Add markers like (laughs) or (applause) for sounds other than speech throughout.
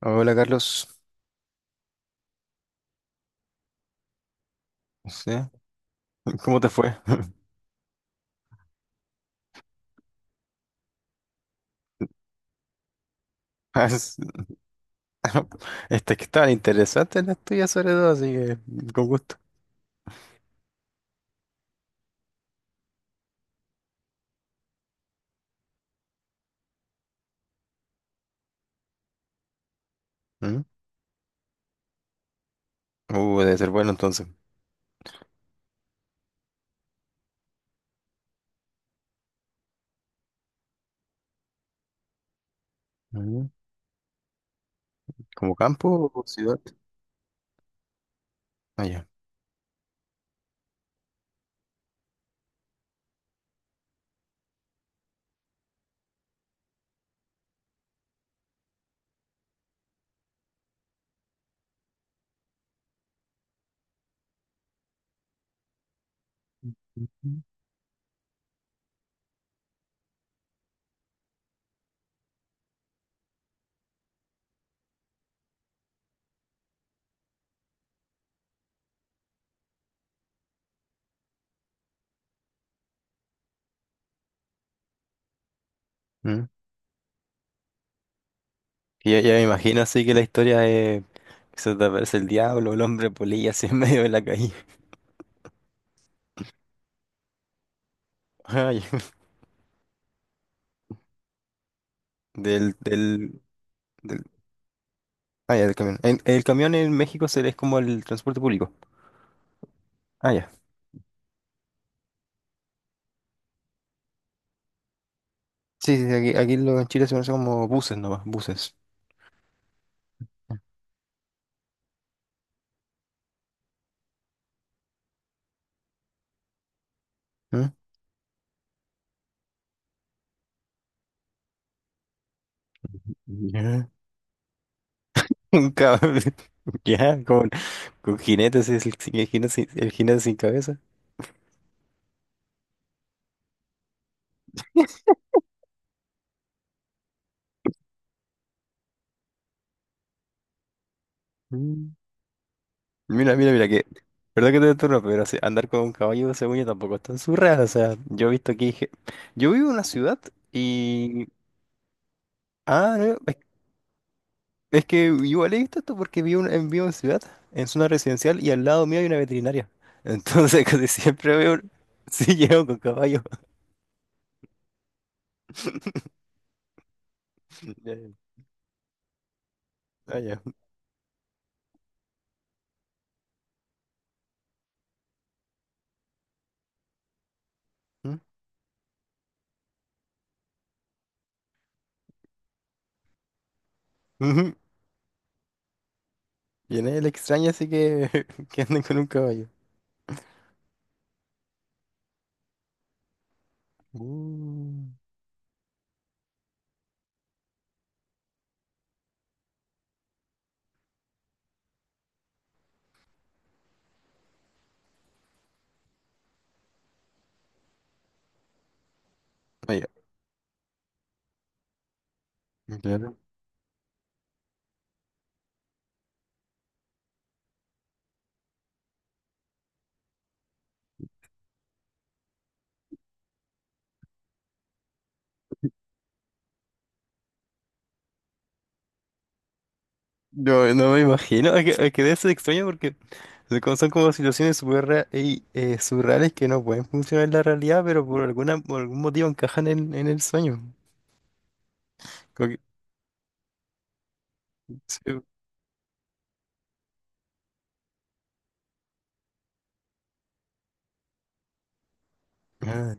Hola, Carlos. Sí. ¿Cómo te fue? (laughs) Es... Que estaban interesantes las tuyas, sobre todo, así que con gusto. ¿Mm? Debe ser bueno entonces. Mm. ¿Como campo o ciudad? Ah, ya. Ujú. Mm. Ya me imagino, así que la historia es que se te aparece el diablo, el hombre polilla así en medio de la calle. (laughs) Ah, ya. Del, del, del ah, ya, del camión. El camión en México se es como el transporte público. Ah, ya. Sí, sí, sí, aquí lo, en Chile se conoce como buses nomás, buses. ¿Mm? Ya, (laughs) un cabrón. Ya, con jinetes, es el, el jinete sin, el jinete sin cabeza. Mm. Mira, mira, mira, que... Verdad que te turno, pero así, andar con un caballo, según yo, tampoco es tan surreal. O sea, yo he visto aquí. Ge- Yo vivo en una ciudad y... Ah, no, es que igual he visto esto porque vivo en, vivo en ciudad, en zona residencial y al lado mío hay una veterinaria. Entonces (laughs) casi siempre veo. (laughs) Sí, llevo con caballo. (laughs) Ya, ya. Ah, ya. ¿Mm? Ujú. Y en él extraña así que, (laughs) que anden con un caballo. Uh. Vaya, claro. Yo no me imagino, es que debe ser extraño porque son como, son como situaciones súper ra- y, surreales, que no pueden funcionar en la realidad, pero por alguna, por algún motivo encajan en el sueño. Como que... sí. Ah,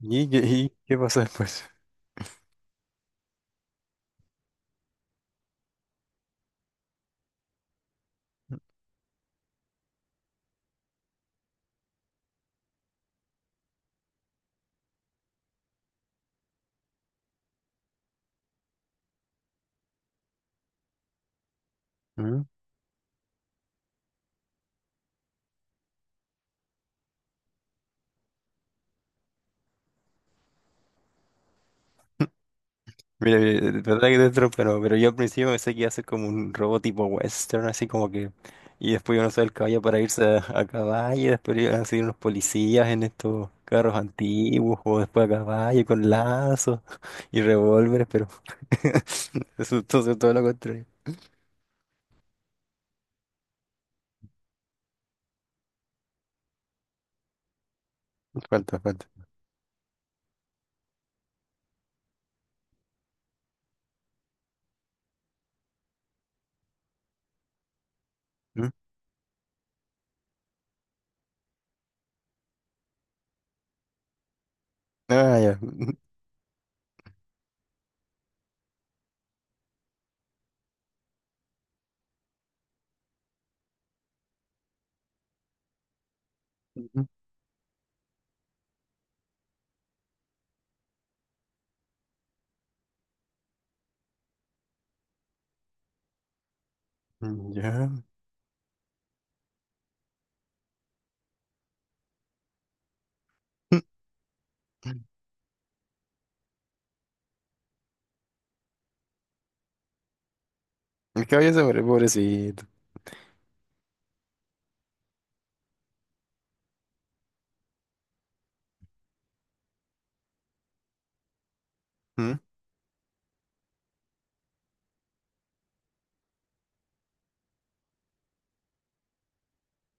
y qué pasó después? Mira, mira, de verdad que dentro, pero yo al principio pensé que iba a ser como un robot tipo western, así como que... Y después iban a usar el caballo para irse a caballo, y después iban a seguir unos policías en estos carros antiguos, o después a caballo con lazos (laughs) y revólveres, pero... (laughs) Eso, entonces, todo lo contrario. Falta, falta. ¿Mm? Ah, ya. Ujú. Ya. (laughs) El caballo se muere, pobrecito. ¿Mm?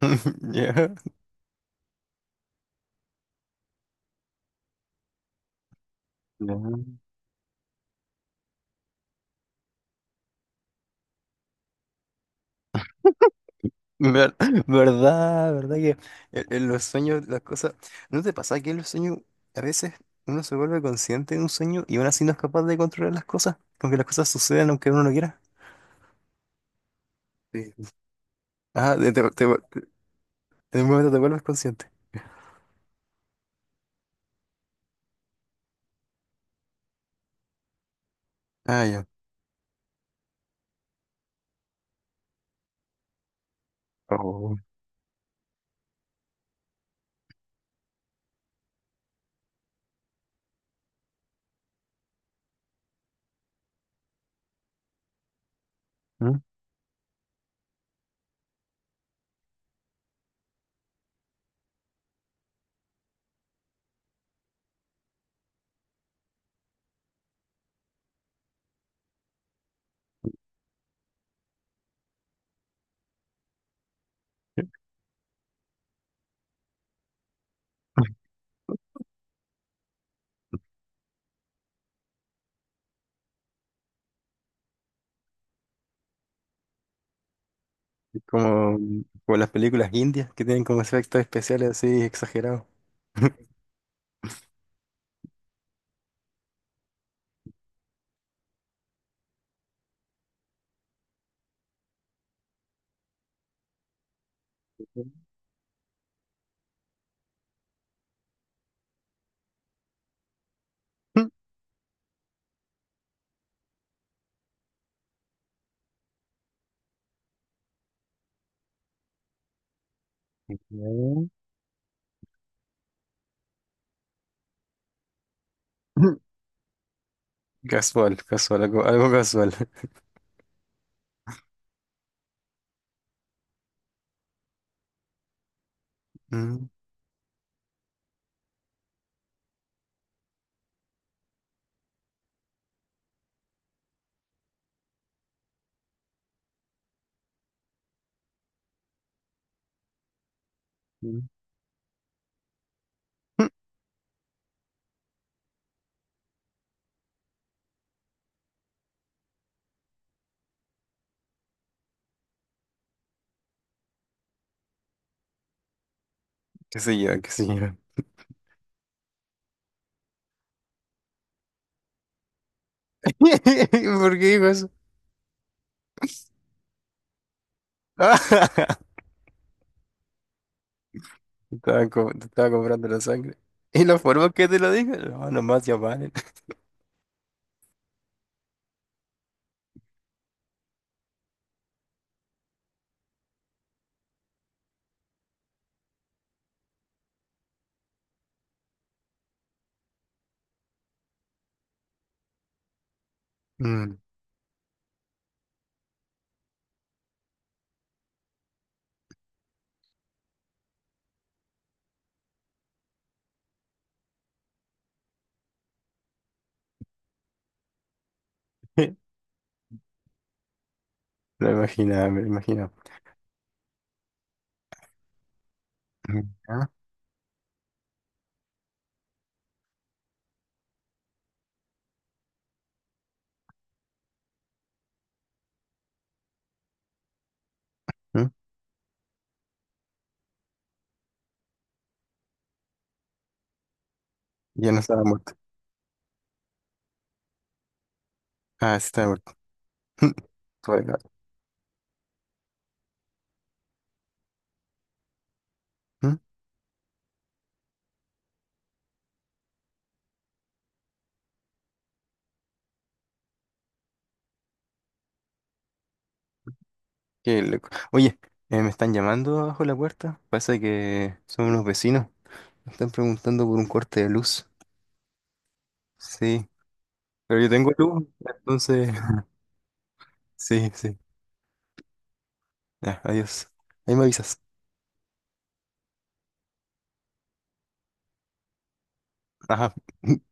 (laughs) Ya. Ya. Ver- (laughs) verdad, verdad que en los sueños las cosas... ¿No te pasa que en los sueños a veces uno se vuelve consciente de un sueño y aún así no es capaz de controlar las cosas? Aunque las cosas sucedan, aunque uno no quiera. Sí. Ah, de- te- te- te- en un momento te vuelves consciente. Ah, ya. Oh. ¿Mm? (laughs) Como, como las películas indias, que tienen como efectos especiales así exagerados. Mm. (laughs) Casual, casual, algo, algo casual. (laughs) Mm. Mm. Qué sé yo, qué sé yo. (laughs) ¿Por qué dijo eso? (laughs) Te estaban co- te estaba comprando la sangre. ¿Y la forma que te lo dijo? No, nomás ya valen. Mm. (laughs) Lo imaginaba, me lo imaginaba. Mm. Ah, mm. Ya no estaba muerto. Ah, sí estaba muerto. (laughs) Joder, no. Mm. Qué loco. Oye, me están llamando abajo de la puerta. Pasa que son unos vecinos. Me están preguntando por un corte de luz. Sí, pero yo tengo luz, entonces... (laughs) Sí, sí. Ya, adiós. Ahí me avisas. Ajá. (laughs)